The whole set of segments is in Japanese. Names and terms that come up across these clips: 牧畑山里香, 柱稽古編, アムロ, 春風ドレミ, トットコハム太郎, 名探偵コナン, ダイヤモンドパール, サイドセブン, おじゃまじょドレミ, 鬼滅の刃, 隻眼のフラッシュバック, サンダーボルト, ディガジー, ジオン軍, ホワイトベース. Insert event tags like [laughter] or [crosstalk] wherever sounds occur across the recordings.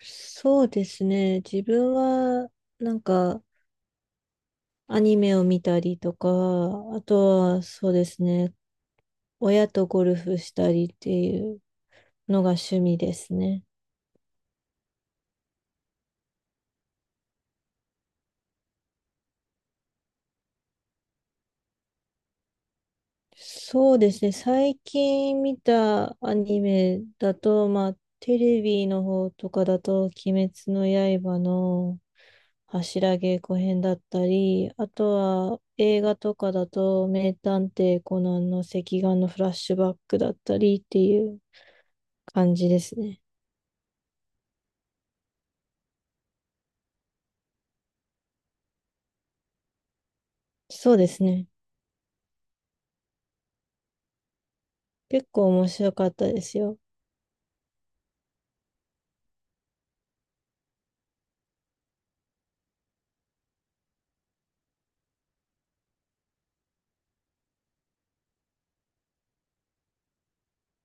そうですね。自分は、なんか、アニメを見たりとか、あとは、そうですね。親とゴルフしたりっていうのが趣味ですね。そうですね。最近見たアニメだと、まあ、テレビの方とかだと、鬼滅の刃の柱稽古編だったり、あとは映画とかだと、名探偵コナンの隻眼のフラッシュバックだったりっていう感じですね。そうですね。結構面白かったですよ。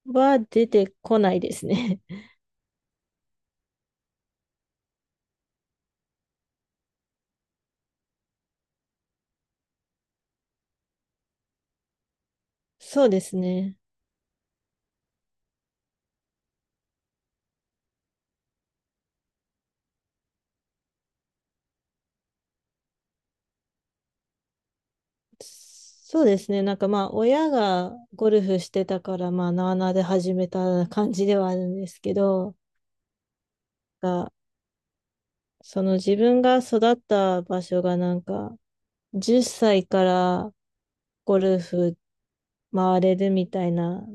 は出てこないですね。[laughs] そうですね。そうですね。なんかまあ、親がゴルフしてたから、まあ、なあなあで始めた感じではあるんですけど、が、その自分が育った場所がなんか、10歳からゴルフ回れるみたいな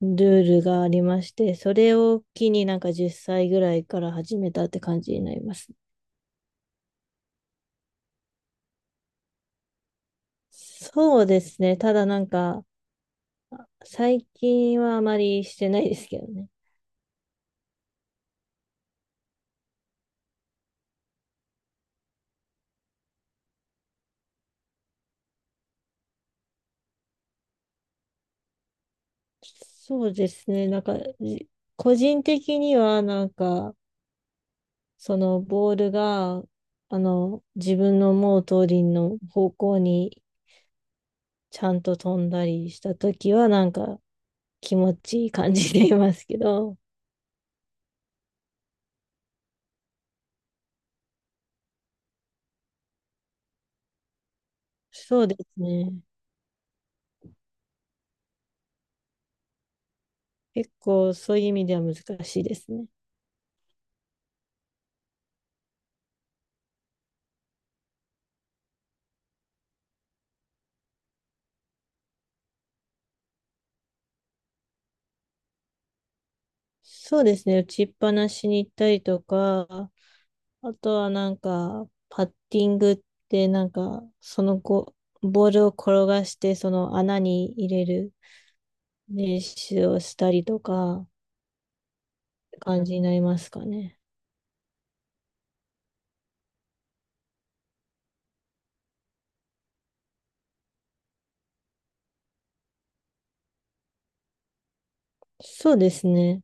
ルールがありまして、それを機になんか10歳ぐらいから始めたって感じになりますね。そうですね。ただなんか、最近はあまりしてないですけどね。そうですね。なんか、じ個人的にはなんか、そのボールが、あの、自分の思う通りの方向にちゃんと飛んだりしたときはなんか気持ちいい感じでいますけど、そうですね。結構そういう意味では難しいですね。そうですね。打ちっぱなしに行ったりとか、あとはなんか、パッティングってなんか、その後、ボールを転がしてその穴に入れる練習をしたりとか、感じになりますかね。そうですね。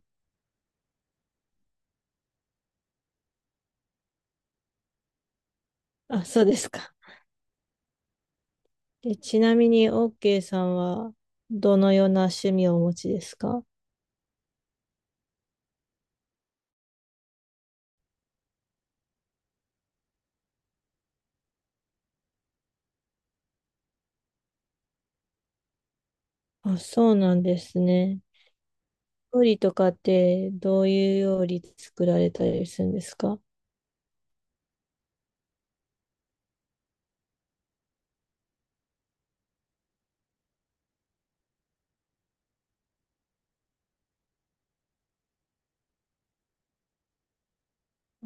あ、そうですか。で、ちなみに、OK さんは、どのような趣味をお持ちですか？あ、そうなんですね。料理とかって、どういう料理作られたりするんですか？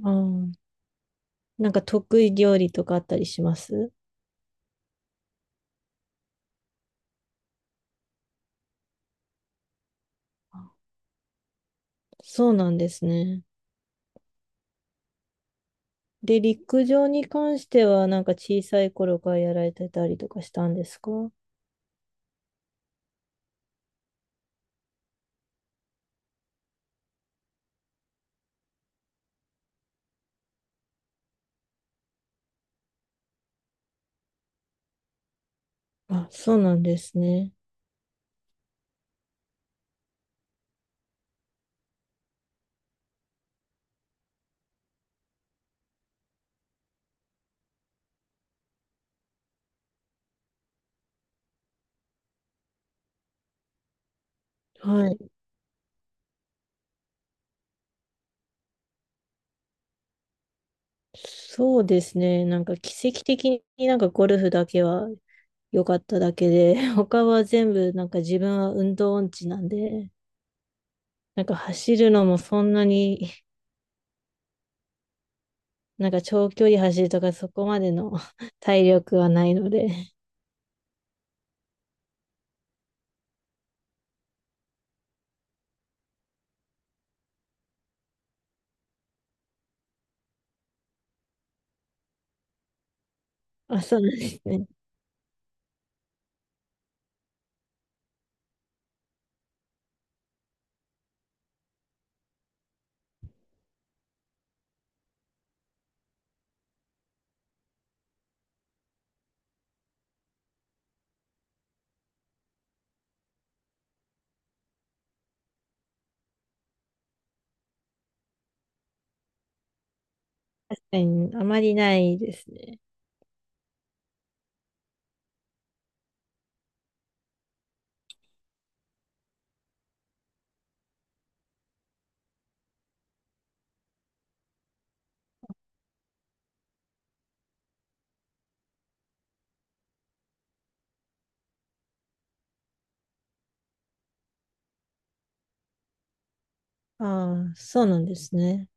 あーなんか得意料理とかあったりします？そうなんですね。で、陸上に関しては、なんか小さい頃からやられてたりとかしたんですか？あ、そうなんですね。はい。そうですね。なんか奇跡的になんかゴルフだけは良かっただけで、[laughs] 他は全部なんか自分は運動音痴なんで、なんか走るのもそんなに、なんか長距離走るとかそこまでの [laughs] 体力はないので、まあ、そうなんですね。確かにあまりないですね。ああ、そうなんですね。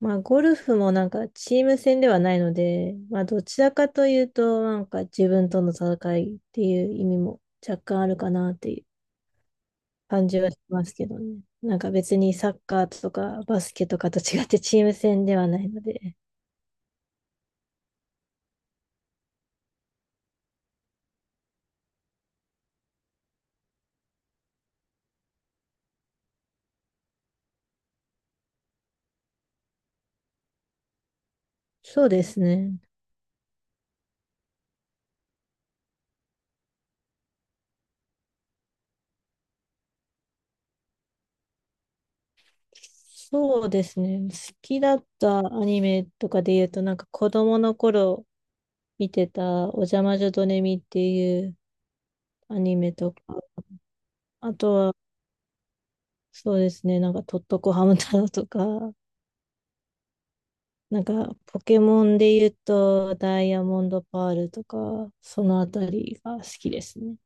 まあ、ゴルフもなんかチーム戦ではないので、まあ、どちらかというと、なんか自分との戦いっていう意味も若干あるかなっていう感じはしますけどね。なんか別にサッカーとかバスケとかと違ってチーム戦ではないので。そうですね。そうですね。好きだったアニメとかで言うと、なんか子供の頃見てたおじゃまじょドネミっていうアニメとか、あとはそうですね、なんかトットコハム太郎とか、なんか、ポケモンで言うと、ダイヤモンドパールとか、そのあたりが好きですね。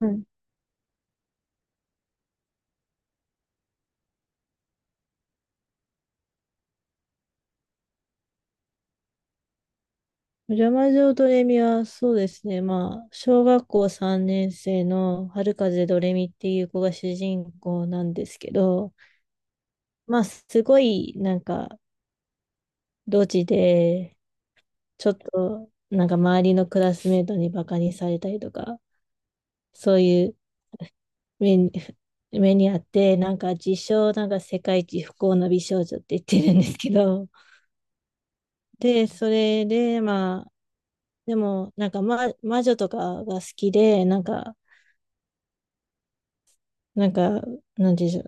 はい。お邪魔女ドレミは、そうですね。まあ、小学校3年生の春風ドレミっていう子が主人公なんですけど、まあ、すごい、なんか、ドジで、ちょっと、なんか周りのクラスメートにバカにされたりとか、そういう目に、目にあって、なんか自称、なんか世界一不幸の美少女って言ってるんですけど、で、それで、まあ、でも、なんか、魔女とかが好きで、なんか、なんか、なんていうんでしょ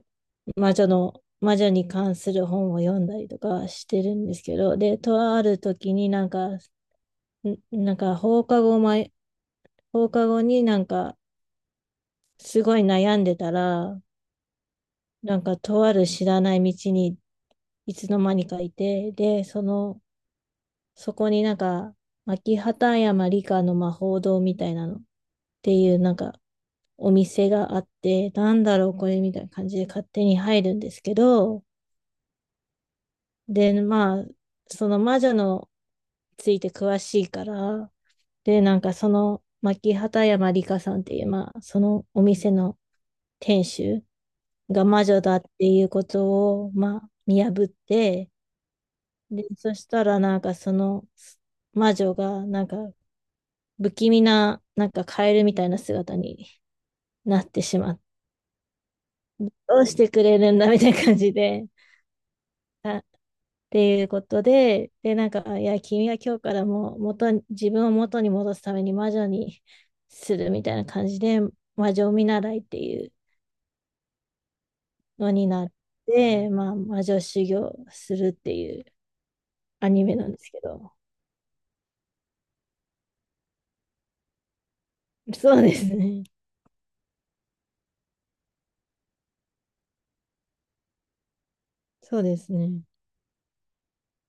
う、魔女に関する本を読んだりとかしてるんですけど、で、とある時になんか、なんか放課後になんか、すごい悩んでたら、なんかとある知らない道にいつの間にかいて、で、その、そこになんか、牧畑山理科の魔法堂みたいなのっていうなんかお店があって、なんだろうこれみたいな感じで勝手に入るんですけど、で、まあ、その魔女のついて詳しいから、で、なんかその、牧畑山里香さんっていう、まあ、そのお店の店主が魔女だっていうことを、まあ、見破って、で、そしたらなんかその魔女が、なんか不気味な、なんかカエルみたいな姿になってしまって、どうしてくれるんだみたいな感じで、あ、っていうことで、で、なんか、あいや、君は今日からもう元に、自分を元に戻すために魔女にするみたいな感じで、魔女見習いっていうのになって、まあ、魔女修行するっていうアニメなんですけど。そうですね。そうですね。